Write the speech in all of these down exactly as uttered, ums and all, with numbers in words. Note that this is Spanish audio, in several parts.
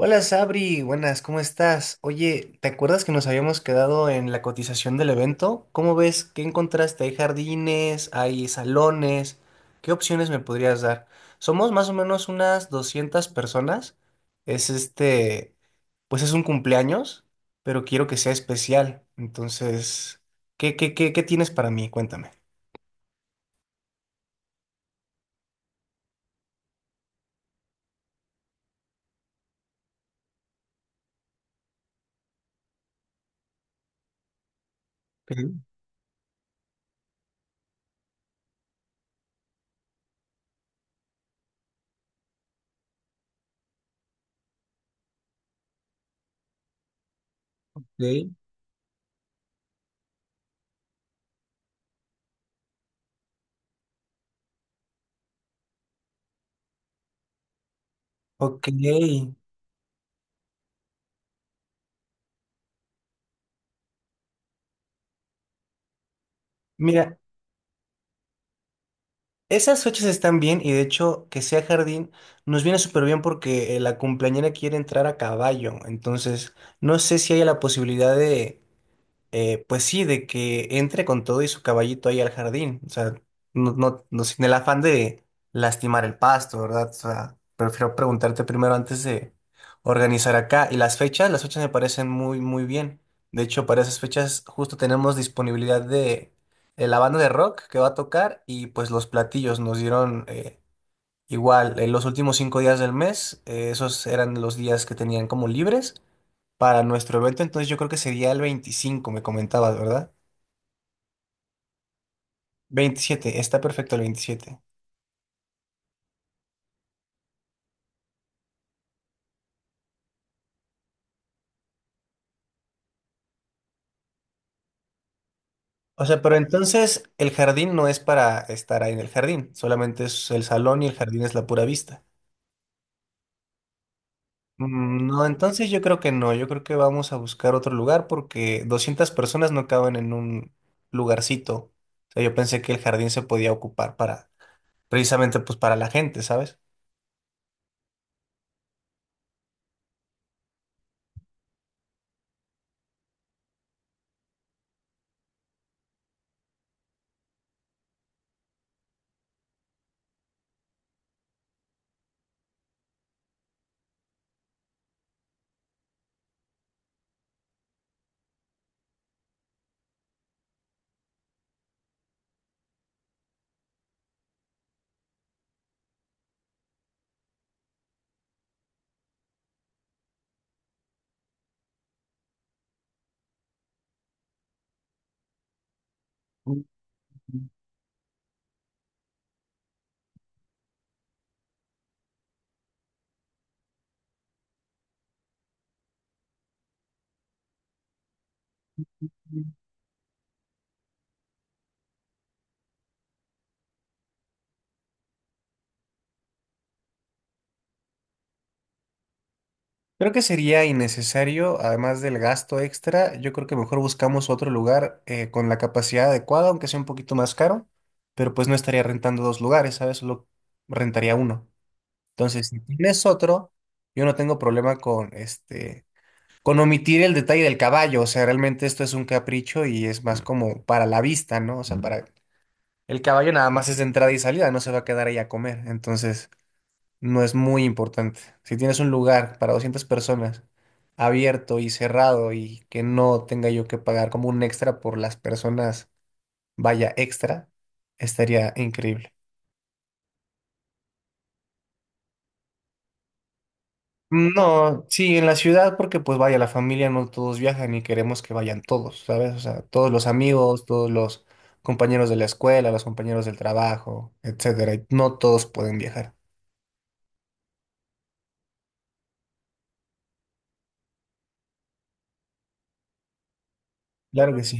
Hola Sabri, buenas, ¿cómo estás? Oye, ¿te acuerdas que nos habíamos quedado en la cotización del evento? ¿Cómo ves? ¿Qué encontraste? ¿Hay jardines? ¿Hay salones? ¿Qué opciones me podrías dar? Somos más o menos unas doscientas personas. Es este, pues es un cumpleaños, pero quiero que sea especial. Entonces, ¿qué, qué, qué, qué tienes para mí? Cuéntame. Ok, Ok. Mira, Esas fechas están bien y de hecho que sea jardín nos viene súper bien porque eh, la cumpleañera quiere entrar a caballo. Entonces, no sé si haya la posibilidad de eh, pues sí, de que entre con todo y su caballito ahí al jardín. O sea, no, no, no sin el afán de lastimar el pasto, ¿verdad? O sea, prefiero preguntarte primero antes de organizar acá. Y las fechas, las fechas me parecen muy, muy bien. De hecho, para esas fechas justo tenemos disponibilidad de, de la banda de rock que va a tocar y pues los platillos nos dieron eh, igual en los últimos cinco días del mes. eh, esos eran los días que tenían como libres para nuestro evento. Entonces yo creo que sería el veinticinco, me comentabas, ¿verdad? Veintisiete, está perfecto el veintisiete. O sea, pero entonces el jardín no es para estar ahí en el jardín, solamente es el salón y el jardín es la pura vista. Mm, No, entonces yo creo que no, yo creo que vamos a buscar otro lugar porque doscientas personas no caben en un lugarcito. O sea, yo pensé que el jardín se podía ocupar para, precisamente pues para la gente, ¿sabes? Mm. Creo que sería innecesario, además del gasto extra. Yo creo que mejor buscamos otro lugar eh, con la capacidad adecuada, aunque sea un poquito más caro, pero pues no estaría rentando dos lugares, ¿sabes? Solo rentaría uno. Entonces, si tienes otro, yo no tengo problema con este, con omitir el detalle del caballo. O sea, realmente esto es un capricho y es más como para la vista, ¿no? O sea, para el caballo nada más es de entrada y salida, no se va a quedar ahí a comer, entonces no es muy importante. Si tienes un lugar para doscientas personas abierto y cerrado y que no tenga yo que pagar como un extra por las personas, vaya extra, estaría increíble. No, sí, en la ciudad, porque pues vaya, la familia no todos viajan y queremos que vayan todos, ¿sabes? O sea, todos los amigos, todos los compañeros de la escuela, los compañeros del trabajo, etcétera, y No todos pueden viajar. Claro que sí.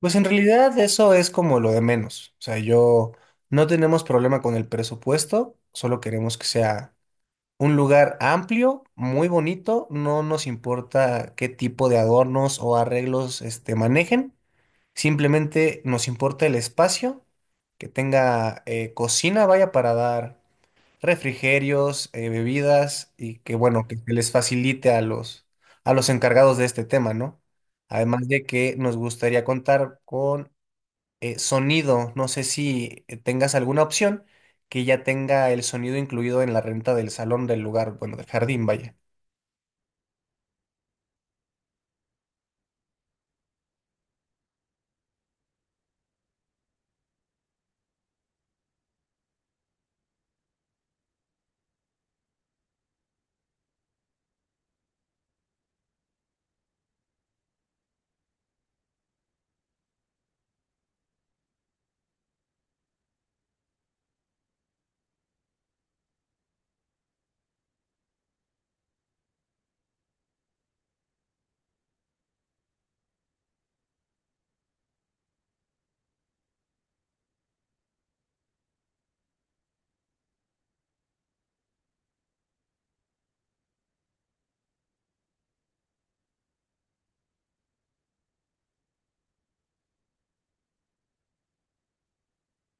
Pues en realidad eso es como lo de menos. O sea, yo no tenemos problema con el presupuesto, solo queremos que sea un lugar amplio, muy bonito, no nos importa qué tipo de adornos o arreglos este, manejen, simplemente nos importa el espacio, que tenga eh, cocina, vaya, para dar refrigerios, eh, bebidas, y que bueno, que se les facilite a los, a los encargados de este tema, ¿no? Además de que nos gustaría contar con eh, sonido. No sé si eh, tengas alguna opción que ya tenga el sonido incluido en la renta del salón del lugar, bueno, del jardín, vaya.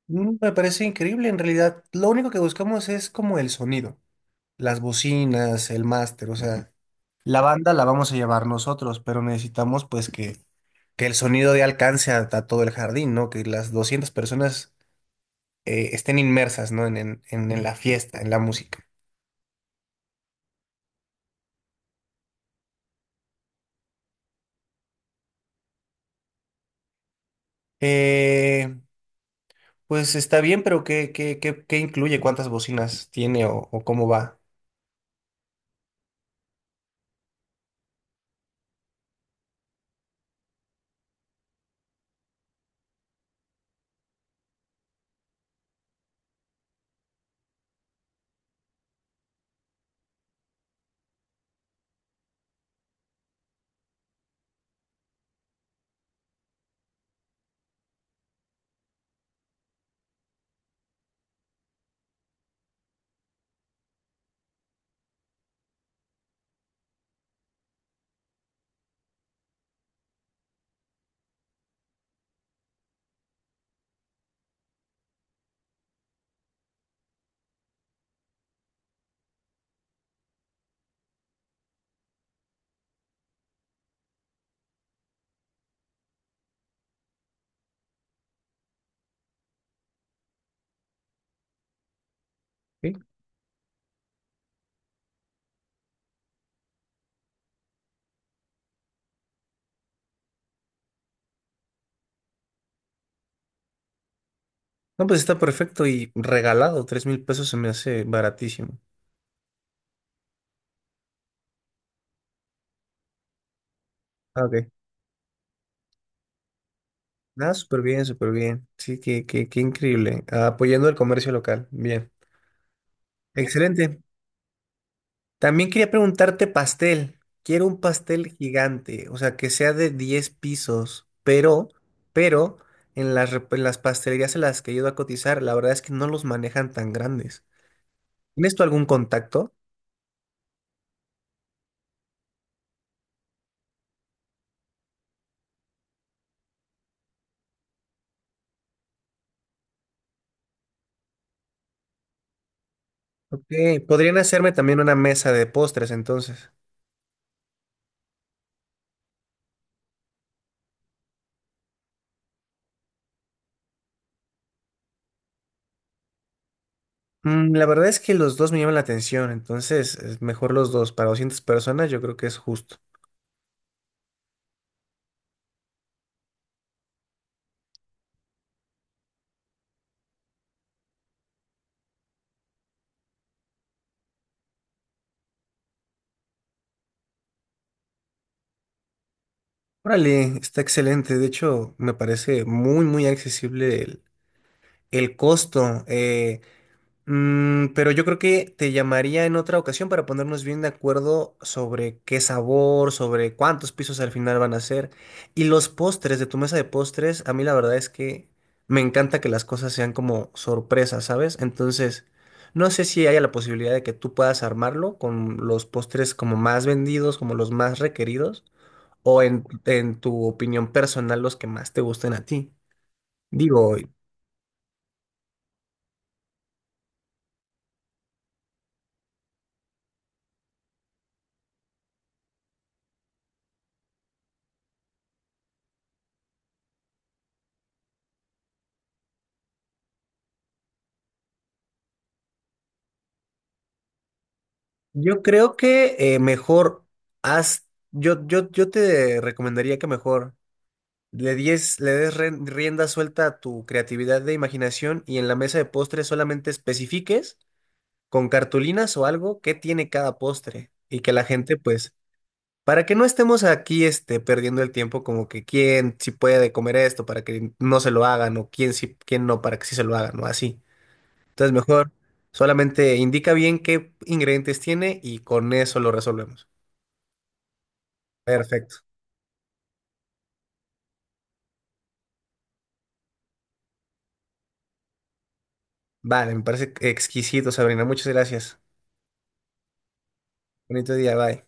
Mm, Me parece increíble, en realidad. Lo único que buscamos es como el sonido, las bocinas, el máster, o sea, la banda la vamos a llevar nosotros, pero necesitamos pues que, que el sonido dé alcance a, a todo el jardín, ¿no? Que las doscientas personas eh, estén inmersas, ¿no? En, en, en- en la fiesta, en la música. Eh, Pues está bien, pero ¿qué, qué, qué, qué incluye? ¿Cuántas bocinas tiene o, o cómo va? Sí. No, pues está perfecto y regalado. Tres mil pesos se me hace baratísimo. Ah, ok. Ah, súper bien, súper bien. Sí, qué, qué, qué increíble. Ah, apoyando el comercio local. Bien. Excelente. También quería preguntarte pastel. Quiero un pastel gigante, o sea, que sea de diez pisos, pero, pero en las, rep- en las pastelerías en las que he ido a cotizar, la verdad es que no los manejan tan grandes. ¿Tienes tú algún contacto? Ok, podrían hacerme también una mesa de postres entonces. Mm, la verdad es que los dos me llaman la atención, entonces es mejor los dos. Para doscientas personas yo creo que es justo. Órale, está excelente. De hecho, me parece muy, muy accesible el, el costo. Eh, Mm, pero yo creo que te llamaría en otra ocasión para ponernos bien de acuerdo sobre qué sabor, sobre cuántos pisos al final van a ser. Y los postres de tu mesa de postres, a mí la verdad es que me encanta que las cosas sean como sorpresas, ¿sabes? Entonces, no sé si haya la posibilidad de que tú puedas armarlo con los postres como más vendidos, como los más requeridos, o en, en tu opinión personal los que más te gusten a ti. Digo, yo creo que eh, mejor haz, yo, yo, yo te recomendaría que mejor le dies, le des ren- rienda suelta a tu creatividad de imaginación, y en la mesa de postres solamente especifiques con cartulinas o algo qué tiene cada postre y que la gente pues, para que no estemos aquí este, perdiendo el tiempo como que quién sí puede comer esto para que no se lo hagan, o quién sí, quién no para que sí se lo hagan o así. Entonces mejor solamente indica bien qué ingredientes tiene y con eso lo resolvemos. Perfecto. Vale, me parece exquisito, Sabrina. Muchas gracias. Bonito día, bye.